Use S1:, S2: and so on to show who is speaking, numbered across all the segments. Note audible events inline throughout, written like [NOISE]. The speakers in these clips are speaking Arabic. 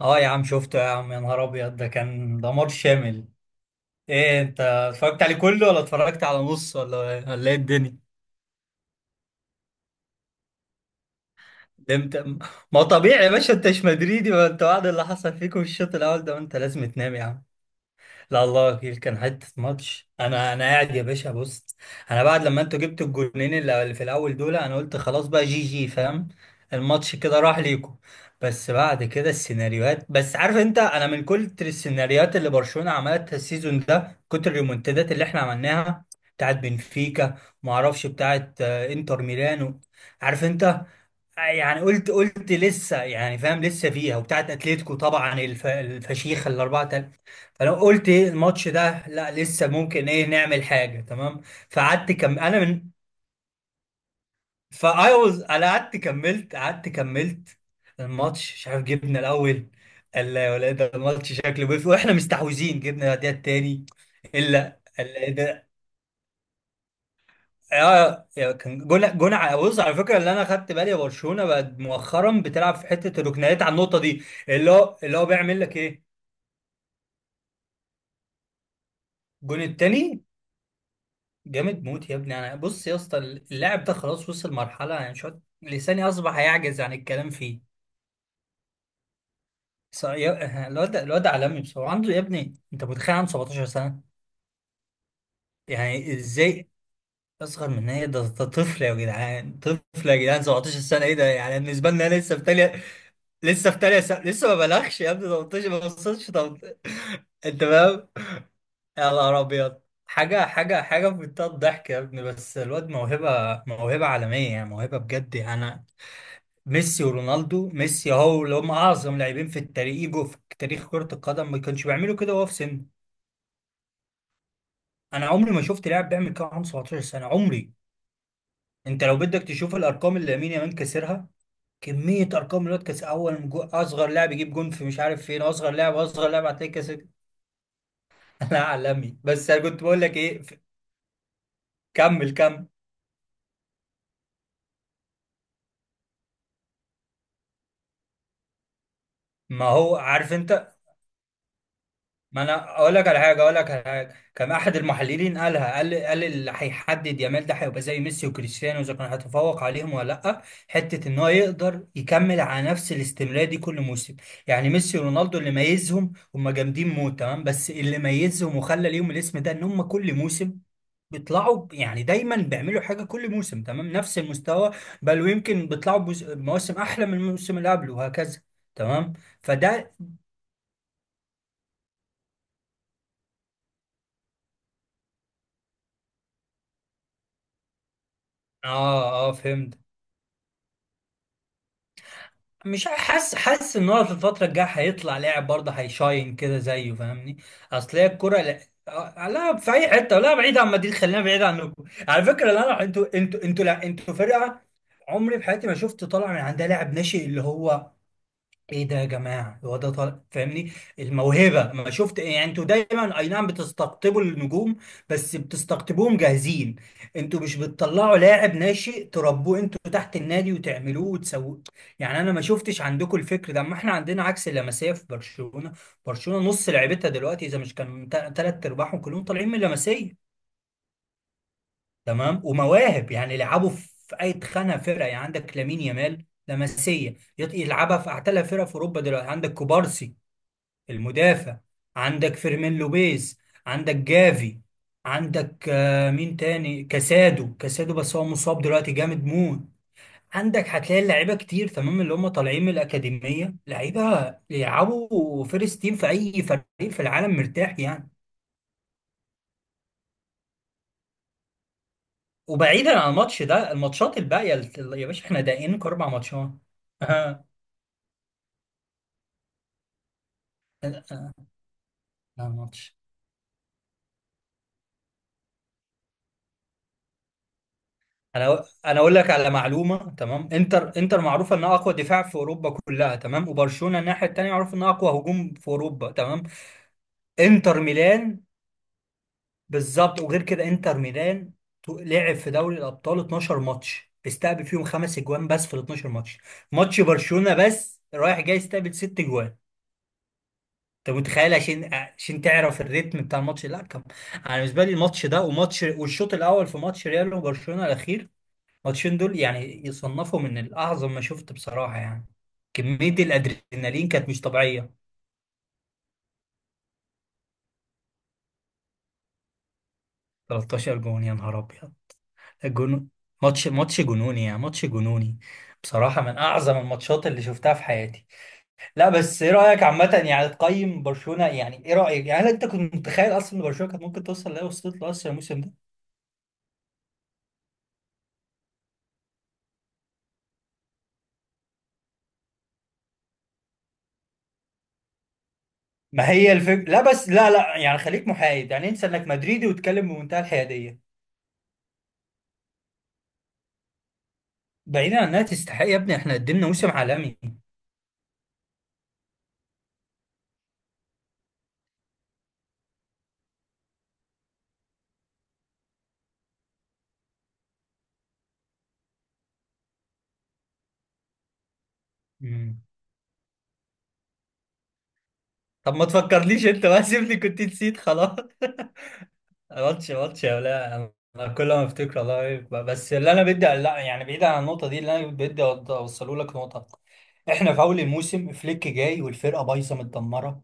S1: اه يا عم شفته يا عم، يا نهار ابيض ده كان دمار شامل. ايه انت اتفرجت عليه كله ولا اتفرجت على نص ولا ايه الدنيا؟ ده انت، ما هو طبيعي يا باشا، انت مش مدريدي، ما انت بعد اللي حصل فيكم في الشوط الاول ده ما انت لازم تنام يا عم. لا الله وكيل كان حته ماتش. انا قاعد يا باشا، بص، انا بعد لما انتوا جبتوا الجونين اللي في الاول دول، انا قلت خلاص بقى، جي جي، فاهم؟ الماتش كده راح ليكم. بس بعد كده السيناريوهات، بس عارف انت، انا من كتر السيناريوهات اللي برشلونه عملتها السيزون ده، كتر الريمونتادات اللي احنا عملناها، بتاعت بنفيكا، ما اعرفش، بتاعت انتر ميلانو، عارف انت؟ يعني قلت لسه، يعني فاهم لسه فيها، وبتاعت اتلتيكو طبعا، الفشيخه الاربعه فلو قلت إيه الماتش ده، لا لسه ممكن ايه، نعمل حاجه، تمام؟ فقعدت كم انا من فايوز. انا قعدت كملت، قعدت كملت. الماتش مش عارف، جبنا الاول، قال لا يا ولا، إيه ده الماتش شكله بيف واحنا مستحوذين، جبنا الدقيقه التاني. الا، كان بص على فكره، اللي انا خدت بالي، برشلونه بقت مؤخرا بتلعب في حته الركنيات على النقطه دي، اللي هو بيعمل لك ايه. الجون التاني جامد موت يا ابني. انا بص يا اسطى، اللاعب ده خلاص وصل مرحله، يعني شويه لساني اصبح يعجز عن الكلام فيه. الواد ده عالمي بصراحه، عنده يا ابني، انت متخيل عنده 17 سنه؟ يعني ازاي؟ اصغر من ايه؟ ده طفل يا جدعان، طفل يا جدعان، 17 سنه، ايه ده؟ يعني بالنسبه لنا لسه في تانية، لسه في تانية سنة، لسه ما بلغش يا ابني، 18 ما وصلتش 18. [LAUGHS] انت فاهم؟ يا نهار ابيض، حاجة حاجة حاجة في منتهى الضحك يا ابني. بس الواد موهبة، موهبة عالمية، يعني موهبة بجد، يعني انا، ميسي ورونالدو هو اللي هم اعظم لاعبين في التاريخ يجوا في تاريخ كرة القدم، ما كانش بيعملوا كده وهو في سن. انا عمري ما شفت لاعب بيعمل كده عنده 17 سنة، عمري. انت لو بدك تشوف الارقام اللي لامين يامال كسرها، كمية ارقام الواد. كاس، اول اصغر لاعب يجيب جون في مش عارف فين، اصغر لاعب، اصغر لاعب هتلاقي كاس. لا عالمي، بس انا كنت بقول لك ايه كمل كمل. ما هو عارف انت. ما انا اقول لك على حاجه، اقول لك على حاجه، كان احد المحللين قالها، قال اللي هيحدد يامال ده هيبقى زي ميسي وكريستيانو اذا كان هيتفوق عليهم ولا لا، حته ان هو يقدر يكمل على نفس الاستمرار دي كل موسم. يعني ميسي ورونالدو اللي ميزهم، هم جامدين موت تمام، بس اللي ميزهم وخلى ليهم الاسم ده ان هم كل موسم بيطلعوا يعني دايما بيعملوا حاجه كل موسم، تمام، نفس المستوى، بل ويمكن بيطلعوا بمواسم احلى من الموسم اللي قبله، وهكذا، تمام، فده. اه اه فهمت. مش حاسس ان هو في الفتره الجايه هيطلع لاعب برضه هيشاين كده زيه، فاهمني؟ اصل هي الكوره، لا، لا في اي حته، لا بعيد عن مدريد، خلينا بعيد عنكم على فكره، لا لا، انتوا لا انتوا فرقه، عمري في حياتي ما شفت طالع من عندها لاعب ناشئ اللي هو، ايه ده يا جماعه، هو ده طالع، فاهمني؟ الموهبه، ما شفت. يعني انتوا دايما اي نعم بتستقطبوا النجوم، بس بتستقطبوهم جاهزين، انتوا مش بتطلعوا لاعب ناشئ تربوه انتوا تحت النادي وتعملوه وتسووه. يعني انا ما شفتش عندكم الفكر ده، اما احنا عندنا عكس، اللمسيه في برشلونه. برشلونه نص لعيبتها دلوقتي، اذا مش كان ثلاث ارباعهم، كلهم طالعين من اللمسيه، تمام، ومواهب، يعني لعبوا في اي خانه، فرقه، يعني عندك لامين يامال، لمسيه، يلعبها في اعتلى فرقه في اوروبا دلوقتي. عندك كوبارسي، المدافع. عندك فيرمين لوبيز. عندك جافي. عندك مين تاني؟ كاسادو بس هو مصاب دلوقتي، جامد موت. عندك هتلاقي لعيبه كتير تمام اللي هم طالعين من الاكاديميه، لعيبه يلعبوا فيرست تيم في اي فريق في العالم، مرتاح يعني. وبعيدا عن الماتش ده، الماتشات الباقيه يا باشا، احنا داقين اربع ماتشات. [LAUGHS] لا ماتش. انا اقول لك على معلومه، تمام، انتر، انتر معروفه انها اقوى دفاع في اوروبا كلها، تمام، وبرشلونه الناحيه التانيه معروف انها اقوى هجوم في اوروبا، تمام، انتر ميلان. بالظبط، وغير كده انتر ميلان لعب في دوري الابطال 12 ماتش، استقبل فيهم خمس اجوان بس في ال 12 ماتش. ماتش برشلونه بس رايح جاي استقبل ست اجوان. انت متخيل؟ عشان عشان تعرف الريتم بتاع الماتش، لا كم. انا بالنسبه لي الماتش ده وماتش، والشوط الاول في ماتش ريال وبرشلونه الاخير، الماتشين دول يعني يصنفوا من الأعظم ما شفت بصراحة يعني. كمية الأدرينالين كانت مش طبيعية. 13 جون، يا نهار أبيض، الجون، ماتش، ماتش جنوني يعني، ماتش جنوني، بصراحة من أعظم الماتشات اللي شفتها في حياتي. لا بس إيه رأيك عامة، يعني تقيم برشلونة، يعني إيه رأيك، يعني هل أنت كنت متخيل أصلا إن برشلونة كانت ممكن توصل لها، وصلت له أصلا الموسم ده؟ ما هي الفكرة، لا بس لا لا، يعني خليك محايد، يعني انسى إنك مدريدي وتتكلم بمنتهى الحيادية. بعيدا عن إنها تستحق يا ابني، إحنا قدمنا موسم عالمي. مم. طب ما تفكرليش انت بقى، سيبني، كنت نسيت خلاص. [LAUGHS] ماتش، ماتش يا ولا، انا كل ما افتكر والله إيه، بس اللي انا بدي، لا يعني بعيد عن النقطه دي، اللي انا بدي اوصله لك نقطه. احنا في اول الموسم فليك جاي والفرقه بايظه متدمره،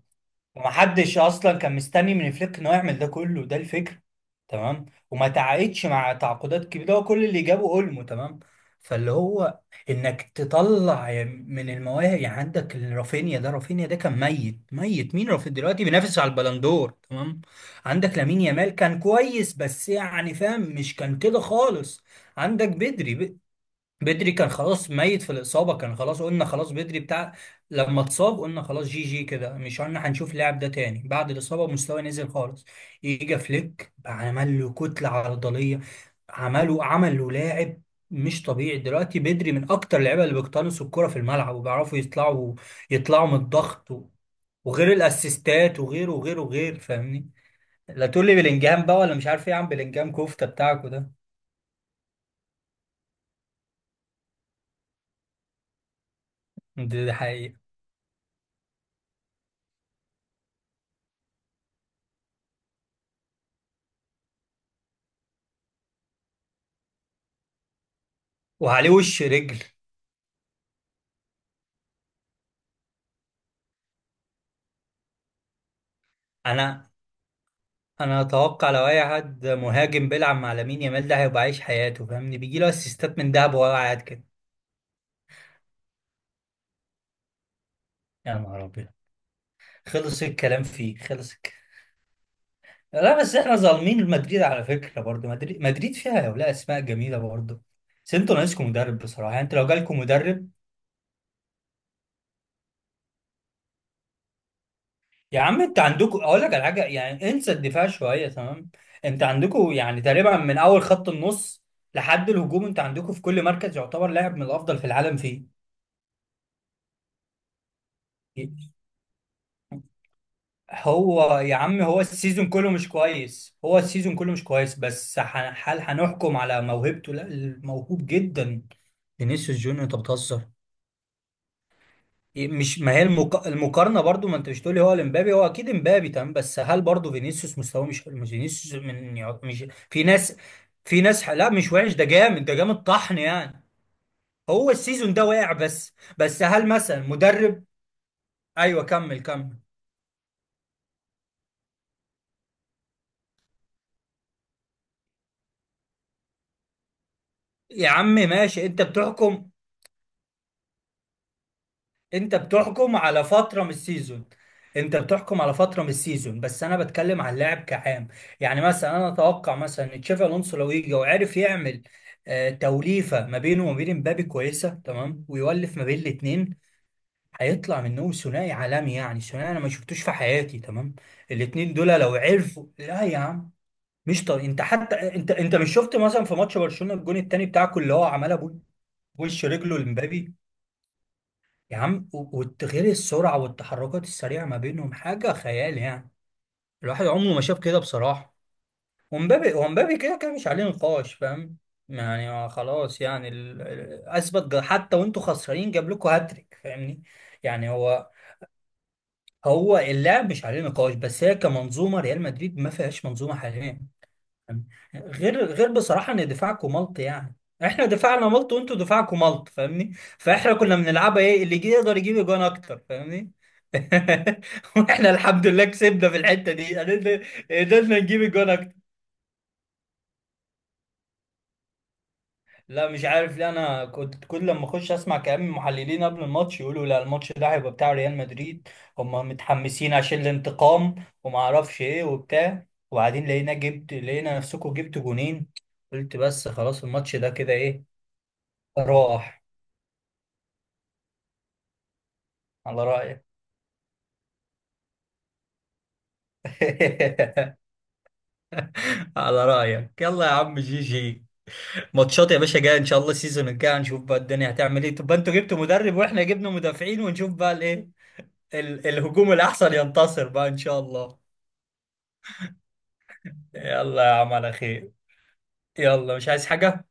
S1: ومحدش اصلا كان مستني من فليك انه يعمل ده كله، ده الفكره، تمام، وما تعاقدش مع تعاقدات كبيره، هو كل اللي جابه اولمو، تمام، فاللي هو انك تطلع من المواهب. يعني عندك رافينيا، ده رافينيا ده كان ميت، ميت مين. رافينيا دلوقتي بينافس على البلندور، تمام. عندك لامين يامال كان كويس بس يعني فاهم، مش كان كده خالص. عندك بدري، بدري كان خلاص ميت في الإصابة، كان خلاص، قلنا خلاص بدري بتاع، لما اتصاب قلنا خلاص جي جي كده، مش قلنا هنشوف اللاعب ده تاني بعد الإصابة، مستواه نزل خالص. يجي فليك عمل له كتلة عضلية، عمله، عمل له لاعب مش طبيعي. دلوقتي بدري من أكتر اللعيبة اللي بيقتنصوا الكرة في الملعب وبيعرفوا يطلعوا من الضغط وغير الأسيستات وغيره وغيره وغير، فاهمني؟ لا تقول لي بلينجهام بقى ولا مش عارف ايه، يا عم بلينجهام كفتة بتاعكوا ده. ده حقيقي. وعليه وش رجل. انا انا اتوقع لو اي حد مهاجم بيلعب مع لامين يامال ده هيبقى عايش حياته، فاهمني، بيجي له اسيستات من دهب وهو قاعد كده. يا نهار ابيض، خلص الكلام فيه، خلص الكلام. لا بس احنا ظالمين مدريد على فكره، برضو مدريد، مدريد فيها يا ولا اسماء جميله برضو. بس انتوا ناقصكم مدرب بصراحه، يعني انتوا لو جالكم مدرب. يا عم انت عندكم، اقول لك على حاجه، يعني انسى الدفاع شويه، تمام، انت عندكم يعني تقريبا من اول خط النص لحد الهجوم، انت عندكم في كل مركز يعتبر لاعب من الافضل في العالم، فيه. هو يا عم هو السيزون كله مش كويس، هو السيزون كله مش كويس، بس هل هنحكم على موهبته؟ لا الموهوب جدا، فينيسيوس جونيور، انت بتهزر؟ إيه مش، ما هي المقارنه برضو، ما انت مش تقولي هو الامبابي، هو اكيد امبابي، تمام، بس هل برضو فينيسيوس مستواه مش حلو؟ مش فينيسيوس من مش في ناس، في ناس لا مش وحش، ده جامد، ده جامد طحن يعني. هو السيزون ده واقع، بس هل مثلا مدرب؟ ايوه كمل كمل. يا عم ماشي انت بتحكم، انت بتحكم على فترة من السيزون، انت بتحكم على فترة من السيزون، بس انا بتكلم على اللاعب كعام. يعني مثلا انا اتوقع مثلا ان تشافي الونسو لو يجي وعرف يعمل توليفة ما بينه وما بين مبابي كويسة، تمام، ويولف ما بين الاتنين، هيطلع منهم ثنائي عالمي، يعني ثنائي انا ما شفتوش في حياتي، تمام، الاتنين دول لو عرفوا، لا يا عم. مش انت حتى، انت مش شفت مثلا في ماتش برشلونة الجون التاني بتاعكم اللي هو عملها بوش رجله لمبابي، يا عم، وغير السرعة والتحركات السريعة ما بينهم حاجة خيال يعني، الواحد عمره ما شاف كده بصراحة. ومبابي كده كده مش عليه نقاش، فاهم؟ يعني هو خلاص، يعني أثبت حتى وأنتوا خسرانين جاب لكم هاتريك، فاهمني؟ يعني هو، هو اللاعب مش عليه نقاش، بس هي كمنظومة، ريال مدريد ما فيهاش منظومة حاليا، فاهم؟ غير بصراحة إن دفاعكم ملط يعني، احنا دفاعنا ملط وانتوا دفاعكم ملط، فاهمني؟ فاحنا كنا بنلعبها ايه، اللي يجي يقدر يجيب اجوان اكتر، فاهمني؟ [LAUGHS] واحنا الحمد لله كسبنا في الحته دي، قدرنا نجيب الجون اكتر. لا مش عارف ليه، انا كنت كل لما اخش اسمع كلام المحللين قبل الماتش يقولوا لا الماتش ده هيبقى بتاع ريال مدريد، هم متحمسين عشان الانتقام، وما اعرفش ايه وبتاع، وبعدين لقينا جبت، لقينا نفسكم جبت جونين، قلت بس خلاص الماتش ده كده ايه، راح. على رأيك. [LAUGHS] على رأيك، يلا يا عم، جي جي، ماتشات يا باشا جايه ان شاء الله، السيزون الجاي هنشوف بقى الدنيا هتعمل ايه، تبقى انتوا جبتوا مدرب واحنا جبنا مدافعين، ونشوف بقى الايه، الهجوم الاحسن ينتصر بقى ان شاء الله. يلا يا عم على خير. يلا مش عايز حاجه.